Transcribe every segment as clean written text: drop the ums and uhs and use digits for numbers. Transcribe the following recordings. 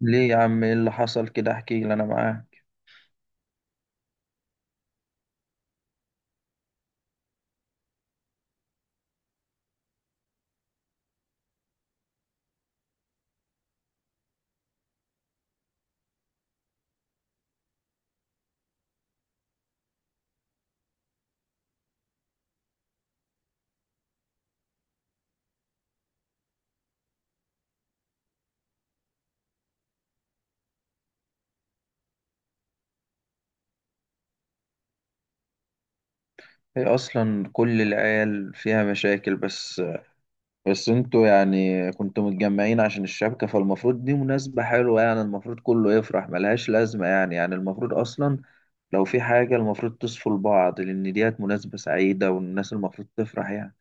ليه يا عم، ايه اللي حصل كده؟ احكي لي انا معاك. هي اصلا كل العيال فيها مشاكل. بس انتوا يعني كنتوا متجمعين عشان الشبكة، فالمفروض دي مناسبة حلوة. يعني المفروض كله يفرح، ملهاش لازمة. يعني المفروض اصلا لو في حاجة المفروض تصفوا لبعض، لان ديت مناسبة سعيدة والناس المفروض تفرح يعني.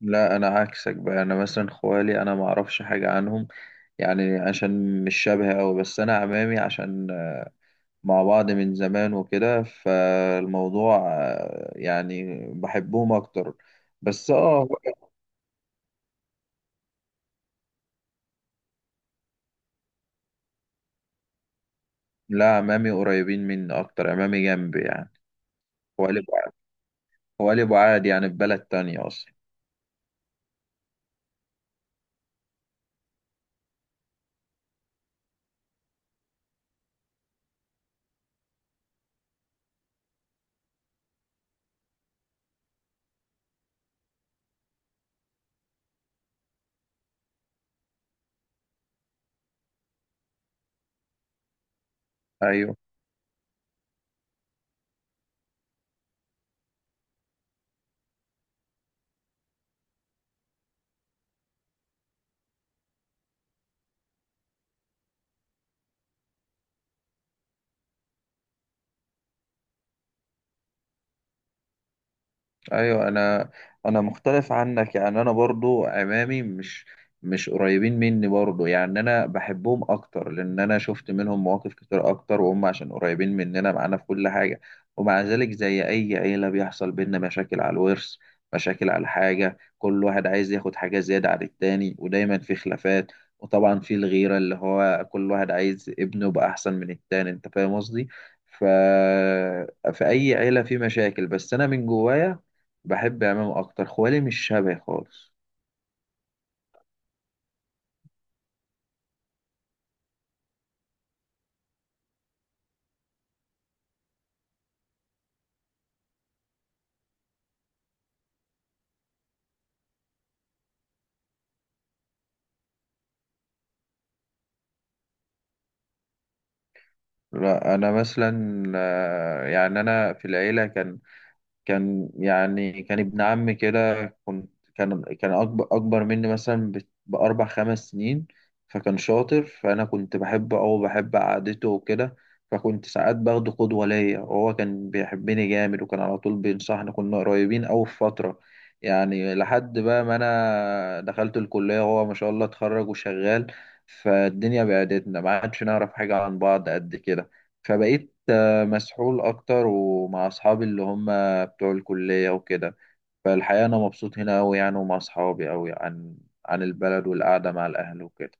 لا، انا عكسك بقى، انا مثلا خوالي انا ما اعرفش حاجة عنهم، يعني عشان مش شبه أوي. بس أنا عمامي عشان مع بعض من زمان وكده، فالموضوع يعني بحبهم أكتر. بس لا، عمامي قريبين مني أكتر، عمامي جنبي يعني. هو قلب هو قلب عادي يعني، في بلد تانية أصلا. أيوه. ايوه، انا مختلف عنك يعني، انا برضو عمامي مش قريبين مني برضو. يعني انا بحبهم اكتر لان انا شفت منهم مواقف كتير اكتر، وهم عشان قريبين مننا معانا في كل حاجة. ومع ذلك زي اي عيلة بيحصل بينا مشاكل على الورث، مشاكل على حاجة، كل واحد عايز ياخد حاجة زيادة عن التاني، ودايما في خلافات. وطبعا في الغيرة، اللي هو كل واحد عايز ابنه يبقى احسن من التاني، انت فاهم قصدي. ف... في اي عيلة في مشاكل، بس انا من جوايا بحب امام اكتر، خوالي مش شبهي خالص. لا، انا مثلا يعني انا في العيله كان كان يعني كان ابن عمي كده، كنت كان كان أكبر مني مثلا بأربع خمس سنين. فكان شاطر، فأنا كنت بحبه أو بحب قعدته وكده. فكنت ساعات باخده قدوة ليا، وهو كان بيحبني جامد، وكان على طول بينصحني، كنا قريبين أوي في فترة. يعني لحد بقى ما أنا دخلت الكلية وهو ما شاء الله اتخرج وشغال، فالدنيا بعدتنا، ما عادش نعرف حاجة عن بعض قد كده. فبقيت مسحول أكتر ومع أصحابي اللي هم بتوع الكلية وكده. فالحقيقة أنا مبسوط هنا أوي يعني، ومع أصحابي أوي عن البلد والقعدة مع الأهل وكده.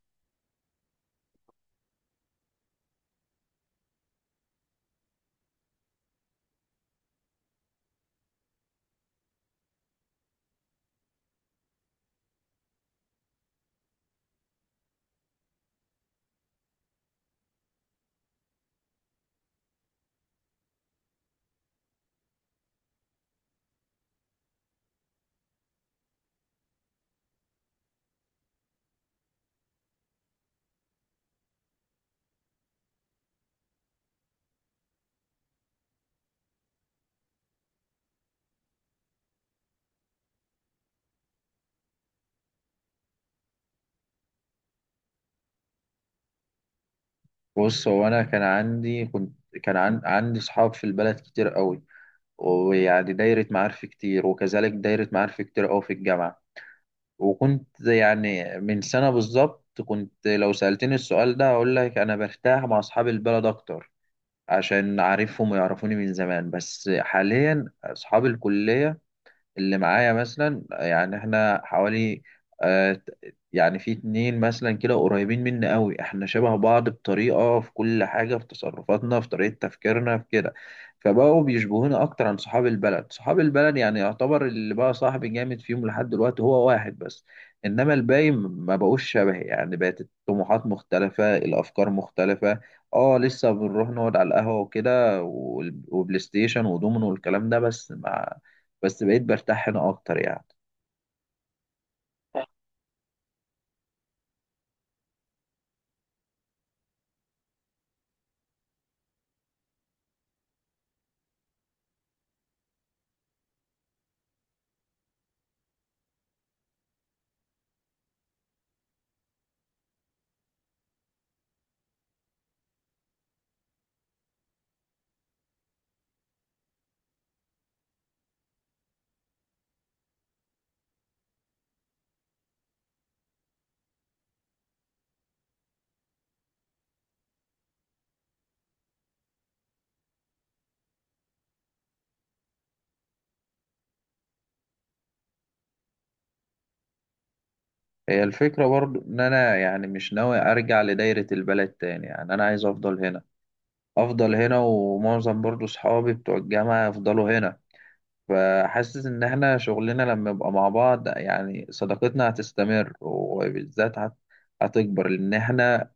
بص، هو أنا كان عندي كنت كان عن عندي صحاب في البلد كتير أوي، ويعني دايرة معارف كتير، وكذلك دايرة معارف كتير أوي في الجامعة. وكنت يعني من سنة بالظبط، كنت لو سألتني السؤال ده هقول لك أنا برتاح مع أصحاب البلد أكتر، عشان عارفهم ويعرفوني من زمان. بس حاليا أصحاب الكلية اللي معايا مثلا، يعني احنا حوالي آه، ت- يعني في اتنين مثلا كده قريبين مني قوي، احنا شبه بعض بطريقة في كل حاجة، في تصرفاتنا، في طريقة تفكيرنا، في كده. فبقوا بيشبهونا اكتر عن صحاب البلد. صحاب البلد يعني يعتبر اللي بقى صاحبي جامد فيهم لحد دلوقتي هو واحد بس. انما الباقي ما بقوش شبهي، يعني بقت الطموحات مختلفة، الافكار مختلفة. اه، لسه بنروح نقعد على القهوة وكده، وبلاي ستيشن ودومينو والكلام ده بس. بس بقيت برتاح هنا اكتر يعني. هي الفكرة برضو ان انا يعني مش ناوي ارجع لدايرة البلد تاني، يعني انا عايز افضل هنا ومعظم برضو صحابي بتوع الجامعة يفضلوا هنا. فحاسس ان احنا شغلنا لما يبقى مع بعض، يعني صداقتنا هتستمر وبالذات هتكبر، لان احنا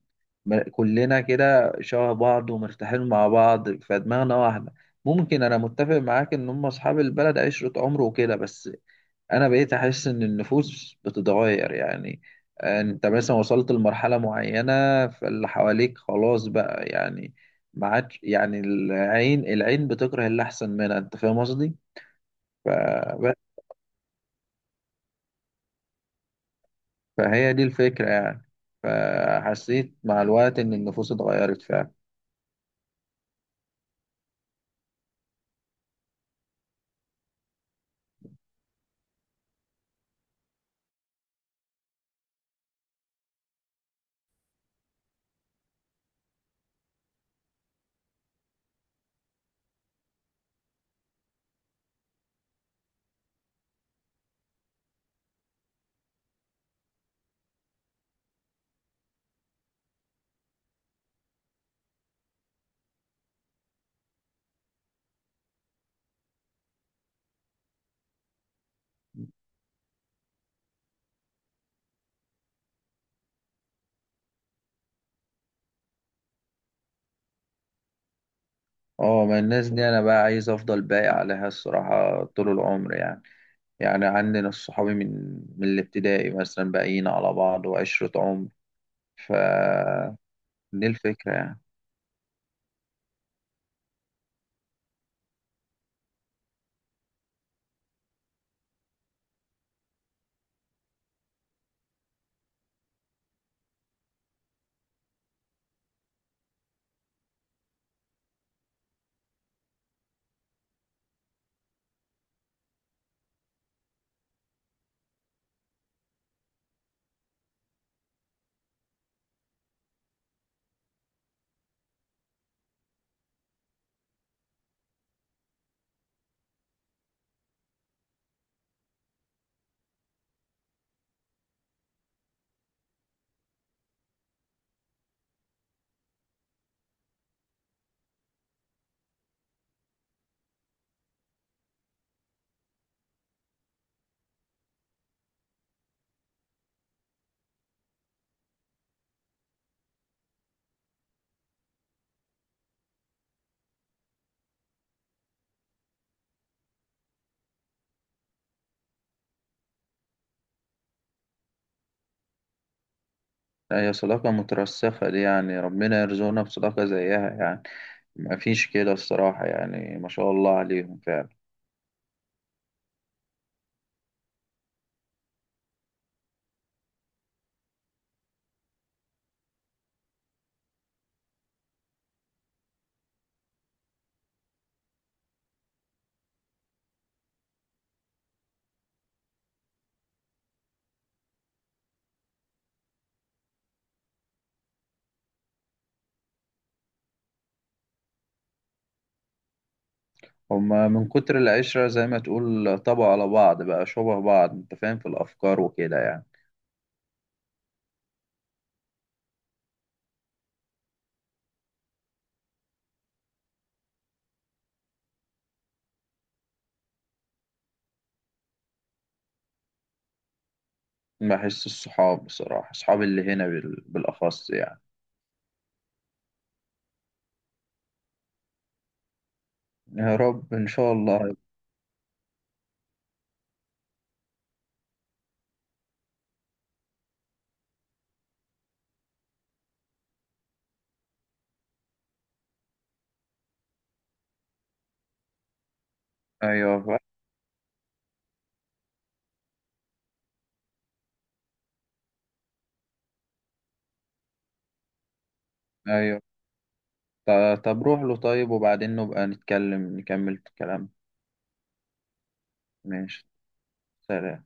كلنا كده شبه بعض ومرتاحين مع بعض، فدماغنا واحدة. ممكن انا متفق معاك ان هم اصحاب البلد عشرة عمر وكده، بس انا بقيت احس ان النفوس بتتغير يعني. انت مثلا وصلت لمرحلة معينة، فاللي حواليك خلاص بقى يعني، ما عادش يعني العين بتكره اللي احسن منها، انت فاهم قصدي. فبس، فهي دي الفكرة يعني. فحسيت مع الوقت ان النفوس اتغيرت فعلا. اه، ما الناس دي انا بقى عايز افضل باقي عليها الصراحة طول العمر يعني. يعني عندنا الصحابي من الابتدائي مثلا باقيين على بعض وعشرة عمر. ف دي الفكرة يعني. هي صداقة مترسخة دي، يعني ربنا يرزقنا بصداقة زيها يعني، مفيش كده الصراحة يعني، ما شاء الله عليهم فعلا. هما من كتر العشرة زي ما تقول طبعوا على بعض، بقى شبه بعض انت فاهم، في الأفكار وكده يعني. بحس الصحاب بصراحة، صحابي اللي هنا بالأخص يعني. يا رب، إن شاء الله. أيوه. أيوه. طب روح له، طيب، وبعدين نبقى نتكلم نكمل الكلام. ماشي. سلام.